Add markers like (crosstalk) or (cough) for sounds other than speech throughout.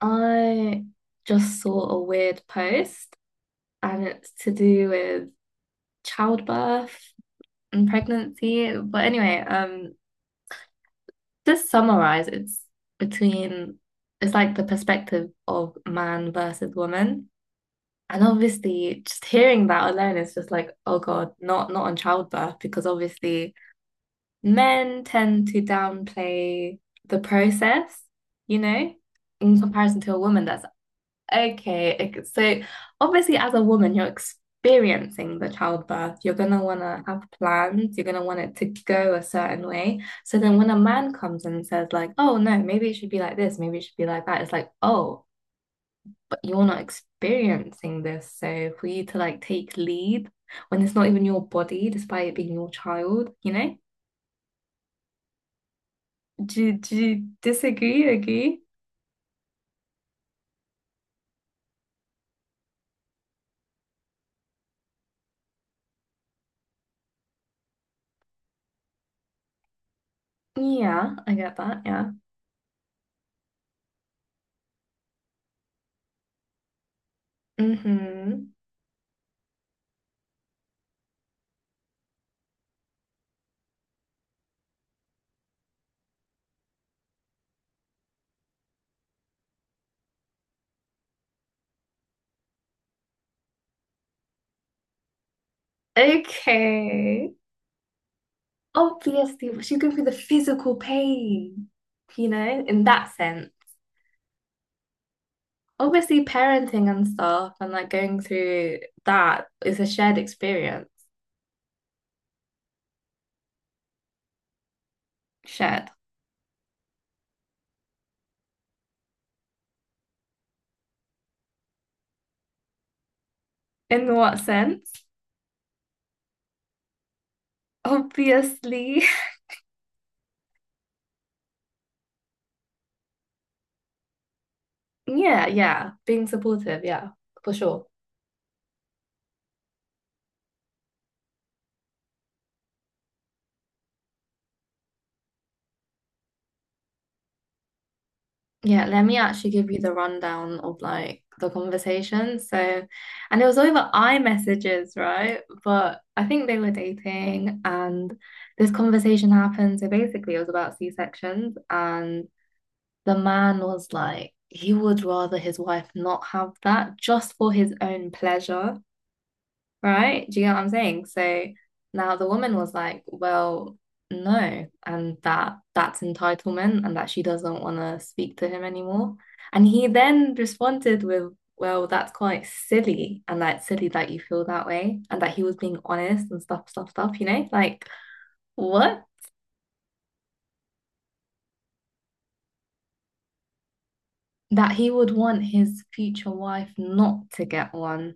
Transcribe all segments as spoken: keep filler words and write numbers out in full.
I just saw a weird post, and it's to do with childbirth and pregnancy. But anyway, um, just summarize it's between it's like the perspective of man versus woman. And obviously just hearing that alone is just like, oh God, not not on childbirth, because obviously men tend to downplay the process, you know, in comparison to a woman that's okay, okay. So obviously as a woman, you're experiencing the childbirth. You're gonna wanna have plans. You're gonna want it to go a certain way. So then when a man comes and says like, oh no, maybe it should be like this, maybe it should be like that, it's like, oh, but you're not experiencing this. So for you to like take lead when it's not even your body, despite it being your child, you know? Do, you- do you disagree? Agree? Yeah, I get that. Yeah. Mm-hmm. Okay. Obviously, she's going through the physical pain, you know, in that sense. Obviously, parenting and stuff and like going through that is a shared experience. Shared. In what sense? Obviously. (laughs) Yeah, yeah. Being supportive, yeah, for sure. Yeah, let me actually give you the rundown of like the conversation. So, and it was over iMessages, right? But I think they were dating and this conversation happened. So basically, it was about C-sections, and the man was like, he would rather his wife not have that just for his own pleasure, right? Do you get what I'm saying? So now the woman was like, well, no, and that that's entitlement and that she doesn't want to speak to him anymore. And he then responded with, well, that's quite silly and that's silly that you feel that way and that he was being honest and stuff, stuff, stuff, you know? Like, what? That he would want his future wife not to get one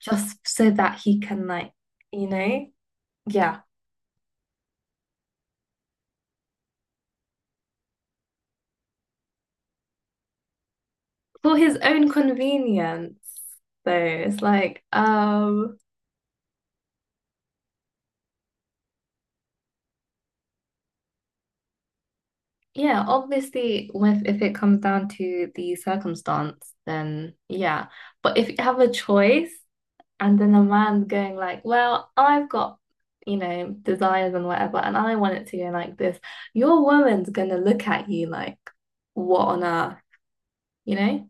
just so that he can like, you know? Yeah. For his own convenience. So it's like, um, yeah, obviously, with if it comes down to the circumstance, then yeah. But if you have a choice, and then a man's going like, well, I've got, you know, desires and whatever, and I want it to go like this, your woman's gonna look at you like, what on earth, you know?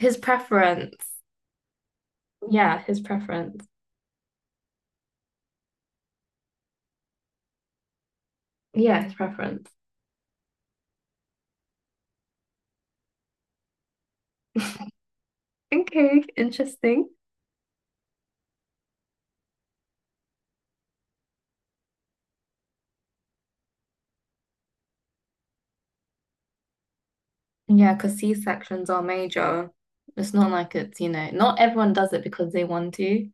His preference. Yeah, his preference. Yeah, his preference. (laughs) Okay, interesting. Yeah, because C-sections are major. It's not like it's, you know, not everyone does it because they want to.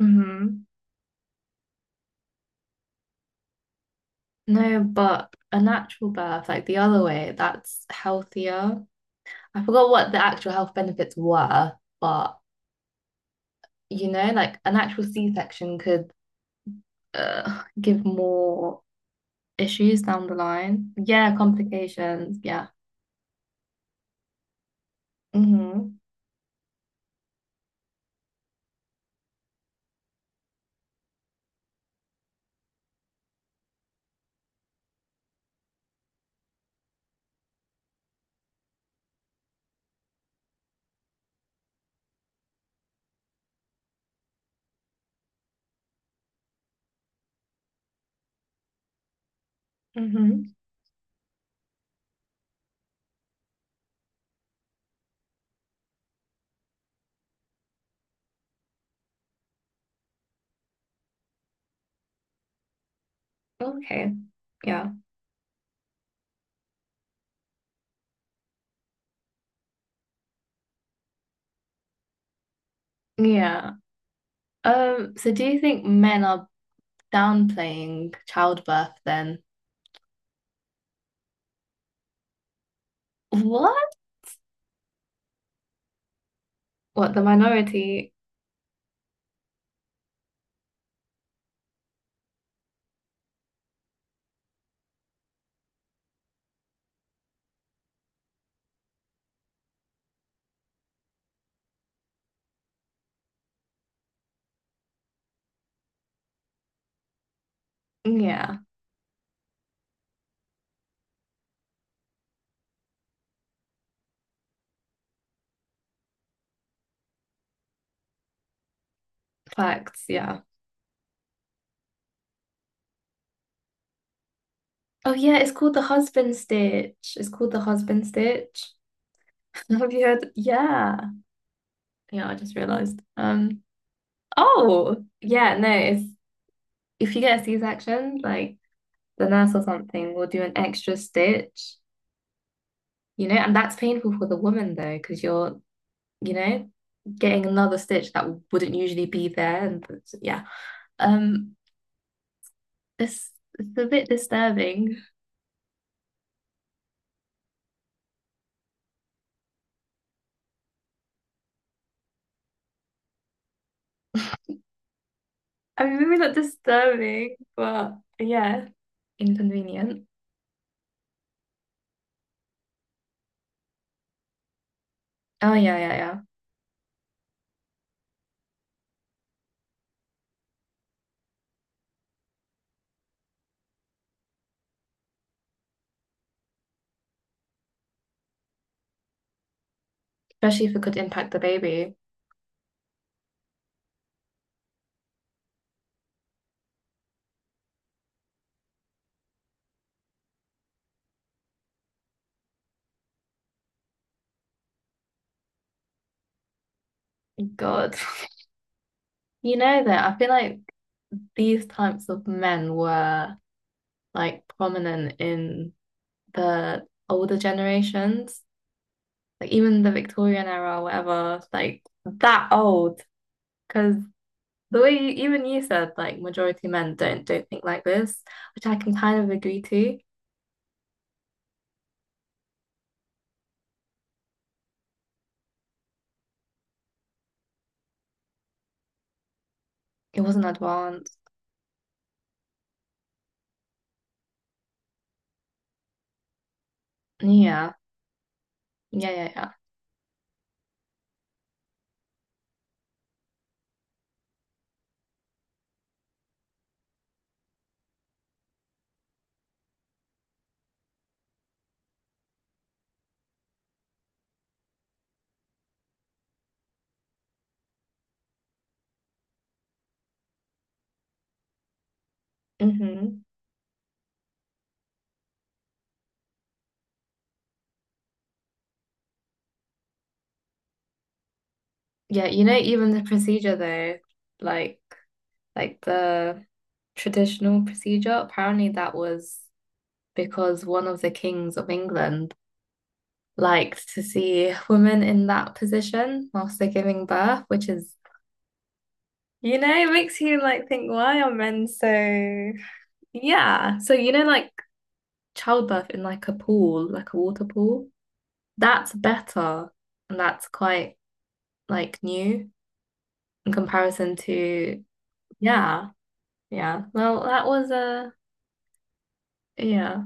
Hmm. No, but a natural birth, like the other way, that's healthier. I forgot what the actual health benefits were, but you know, like an actual C-section could uh, give more issues down the line. Yeah, complications. Yeah. Mm-hmm. Mm-hmm. Okay. Yeah. Yeah. Um, so do you think men are downplaying childbirth then. What? What, the minority? Yeah, facts, yeah. Oh yeah, it's called the husband stitch. It's called the husband stitch. (laughs) Have you heard? Yeah. Yeah, I just realized. Um, oh, yeah, no, it's if you get a C-section, like the nurse or something will do an extra stitch, you know, and that's painful for the woman though, because you're, you know, getting another stitch that wouldn't usually be there. And yeah. Um, It's it's a bit disturbing. I mean, maybe not disturbing, but yeah, inconvenient. Oh yeah, yeah, yeah. Especially if it could impact the baby. God. (laughs) You know that I feel like these types of men were like prominent in the older generations, like even the Victorian era or whatever, like that old. Because the way you, even you said, like majority men don't don't think like this, which I can kind of agree to. It wasn't advanced. Yeah, yeah, yeah, yeah. Hmm. Yeah, you know, even the procedure though, like like the traditional procedure, apparently that was because one of the kings of England liked to see women in that position whilst they're giving birth, which is, you know, it makes you like think, why are men so yeah. So you know, like childbirth in like a pool, like a water pool, that's better and that's quite like new. In comparison to yeah, yeah. Well, that was a yeah.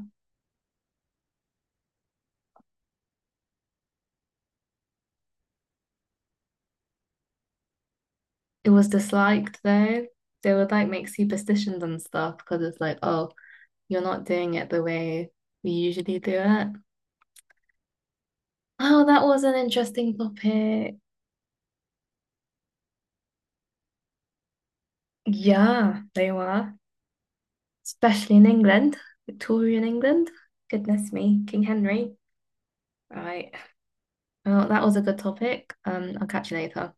It was disliked though. They would like make superstitions and stuff because it's like, oh, you're not doing it the way we usually do it. Oh, that was an interesting topic. Yeah, they were, especially in England, Victorian England. Goodness me, King Henry. Right. Well, that was a good topic. Um, I'll catch you later.